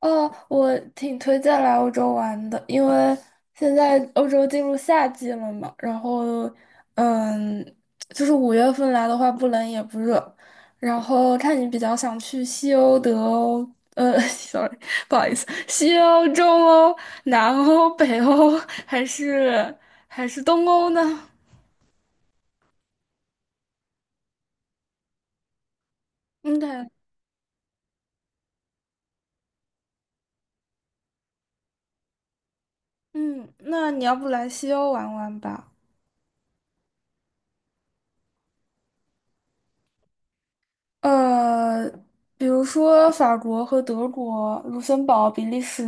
哦，我挺推荐来欧洲玩的，因为现在欧洲进入夏季了嘛。然后，嗯，就是五月份来的话，不冷也不热。然后看你比较想去西欧、德欧，呃 ，sorry，不好意思，西欧、中欧、南欧、北欧，还是东欧呢？嗯，对。嗯，那你要不来西欧玩玩吧？呃，比如说法国和德国、卢森堡、比利时、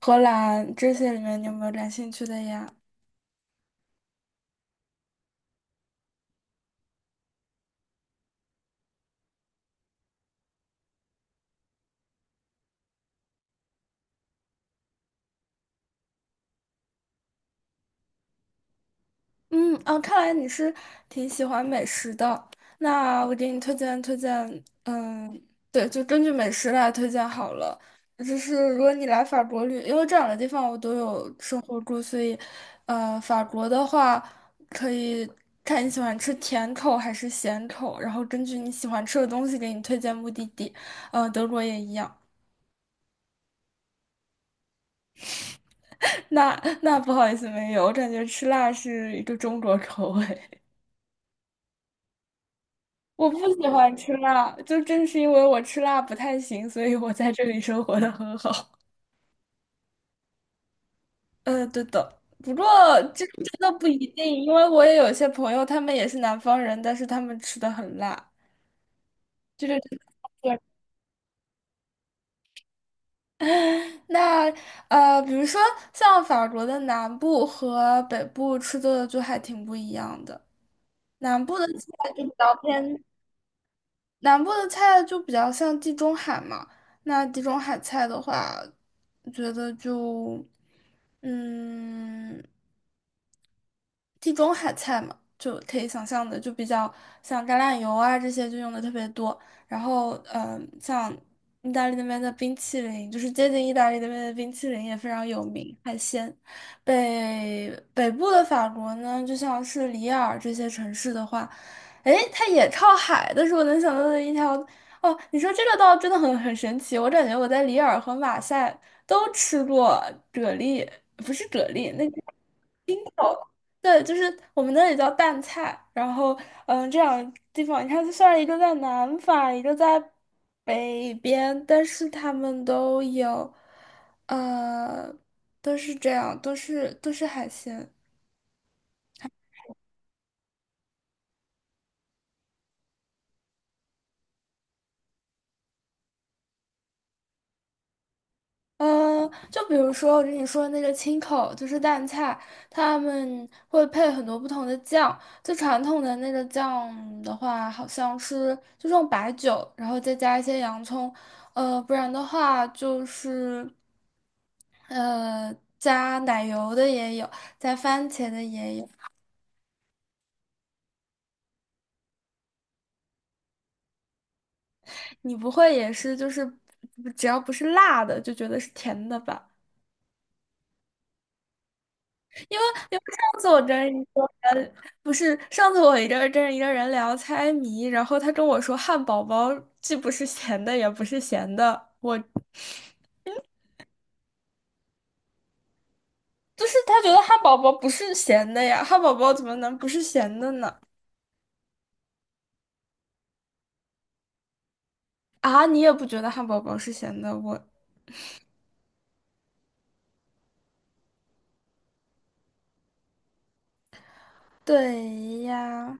荷兰这些里面，你有没有感兴趣的呀？嗯嗯，啊，看来你是挺喜欢美食的。那我给你推荐推荐，嗯，对，就根据美食来推荐好了。就是如果你来法国旅，因为这两个地方我都有生活过，所以，法国的话可以看你喜欢吃甜口还是咸口，然后根据你喜欢吃的东西给你推荐目的地。嗯，德国也一样。那不好意思，没有，我感觉吃辣是一个中国口味。我不喜欢吃辣，就正是因为我吃辣不太行，所以我在这里生活的很好。对的，不过这个真的不一定，因为我也有些朋友，他们也是南方人，但是他们吃的很辣。这个对。那比如说像法国的南部和北部吃的就还挺不一样的。南部的菜就比较偏南部的菜就比较像地中海嘛。那地中海菜的话，我觉得就，嗯。地中海菜嘛，就可以想象的，就比较像橄榄油啊这些就用的特别多。然后，像意大利那边的冰淇淋，就是接近意大利那边的冰淇淋也非常有名，海鲜。北部的法国呢，就像是里尔这些城市的话，诶，它也靠海，但是我能想到的一条，哦，你说这个倒真的很神奇，我感觉我在里尔和马赛都吃过蛤蜊，不是蛤蜊，那。对，就是我们那里叫蛋菜。然后嗯，这两个地方，你看，虽然一个在南法，一个在北边，但是他们都有，呃，都是这样，都是海鲜。嗯，就比如说我跟你说的那个青口，就是蛋菜，他们会配很多不同的酱。最传统的那个酱的话，好像是就用白酒，然后再加一些洋葱。呃，不然的话就是。加奶油的也有，加番茄的也有。你不会也是就是只要不是辣的就觉得是甜的吧？因为上次我跟一个人，不是上次，我一个人聊猜谜，然后他跟我说汉堡包既不是咸的也不是咸的，我就是他觉得汉堡包不是咸的呀，汉堡包怎么能不是咸的呢？啊，你也不觉得汉堡包是咸的？我对呀。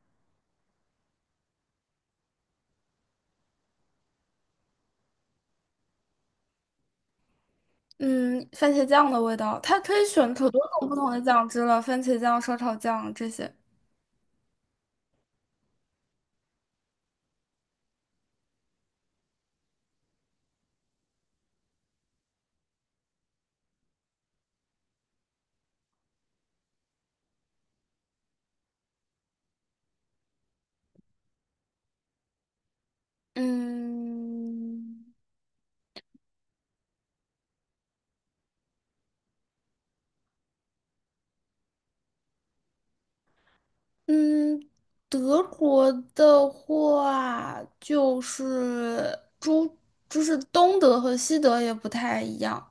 嗯，番茄酱的味道，它可以选可多种不同的酱汁了，番茄酱、烧烤酱这些。嗯嗯，德国的话就是就是东德和西德也不太一样。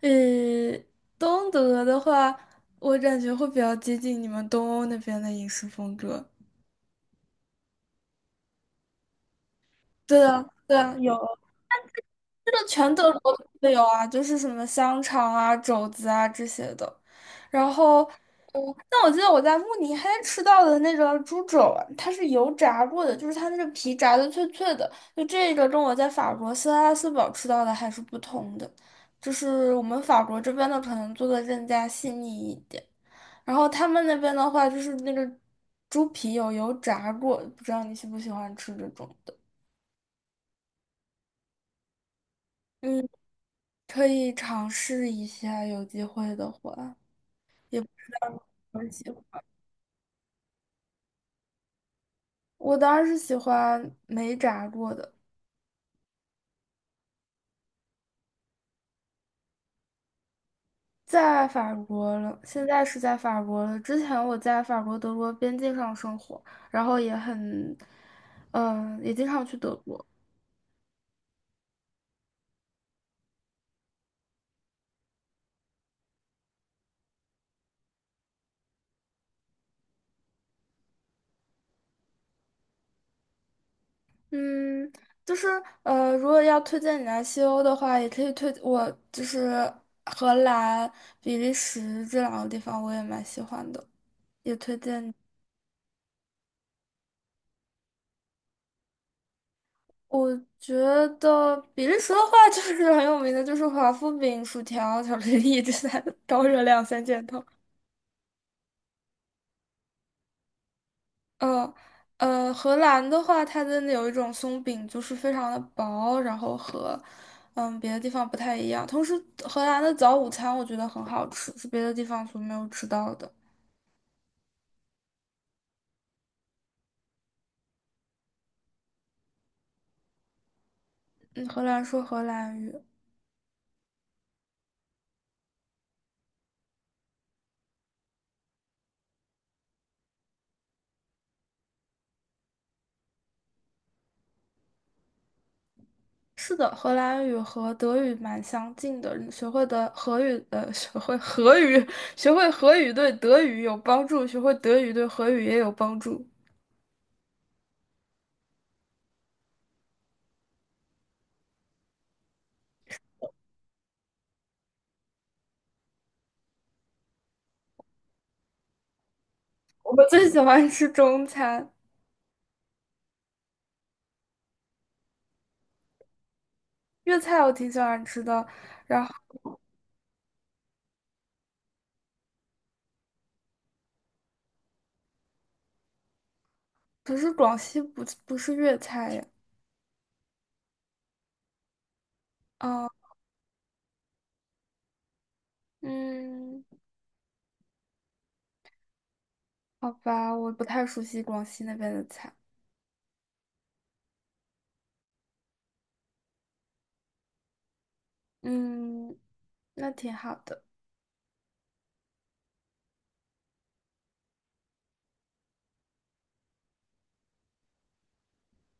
呃，东德的话，我感觉会比较接近你们东欧那边的饮食风格。对啊，对啊，有。这个全德国都会有啊，就是什么香肠啊、肘子啊这些的。然后，嗯，但我记得我在慕尼黑吃到的那个猪肘啊，它是油炸过的，就是它那个皮炸的脆脆的。就这个跟我在法国斯拉斯堡吃到的还是不同的，就是我们法国这边的可能做的更加细腻一点，然后他们那边的话就是那个猪皮有油炸过，不知道你喜不喜欢吃这种的。嗯。可以尝试一下，有机会的话，也不知道我喜欢。我当时喜欢没炸过的，在法国了，现在是在法国了。之前我在法国德国边境上生活，然后也很，也经常去德国。嗯，就是如果要推荐你来西欧的话，也可以推我就是荷兰、比利时这两个地方，我也蛮喜欢的，也推荐你。我觉得比利时的话 就是很有名的，就是华夫饼、薯条、巧克力这三高热量三件套。呃荷兰的话，它真的有一种松饼，就是非常的薄，然后和别的地方不太一样。同时，荷兰的早午餐我觉得很好吃，是别的地方所没有吃到的。嗯，荷兰说荷兰语。是的，荷兰语和德语蛮相近的。你学会的荷语，学会荷语，学会荷语对德语有帮助，学会德语对荷语也有帮助。我最喜欢吃中餐，粤菜我挺喜欢吃的。然后，可是广西不是粤菜呀。啊，嗯，好吧，我不太熟悉广西那边的菜。嗯，那挺好的。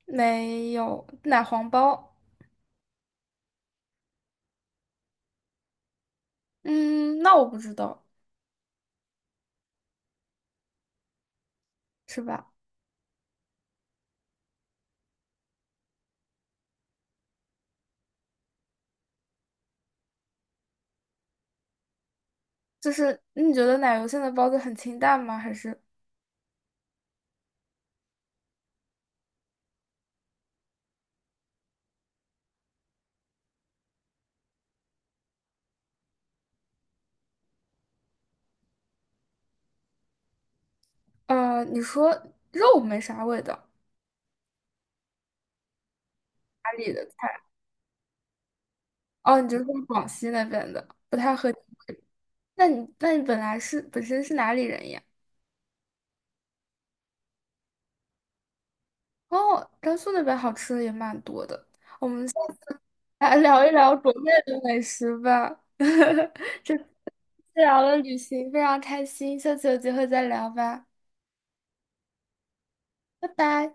没有奶黄包。嗯，那我不知道，是吧？就是你觉得奶油馅的包子很清淡吗？还是你说肉没啥味道，哪里的菜？哦，你就是说广西那边的，不太合你胃。那你本来是本身是哪里人呀？哦，甘肃那边好吃的也蛮多的。来聊一聊国内的美食吧。聊了旅行，非常开心，下次有机会再聊吧。拜拜。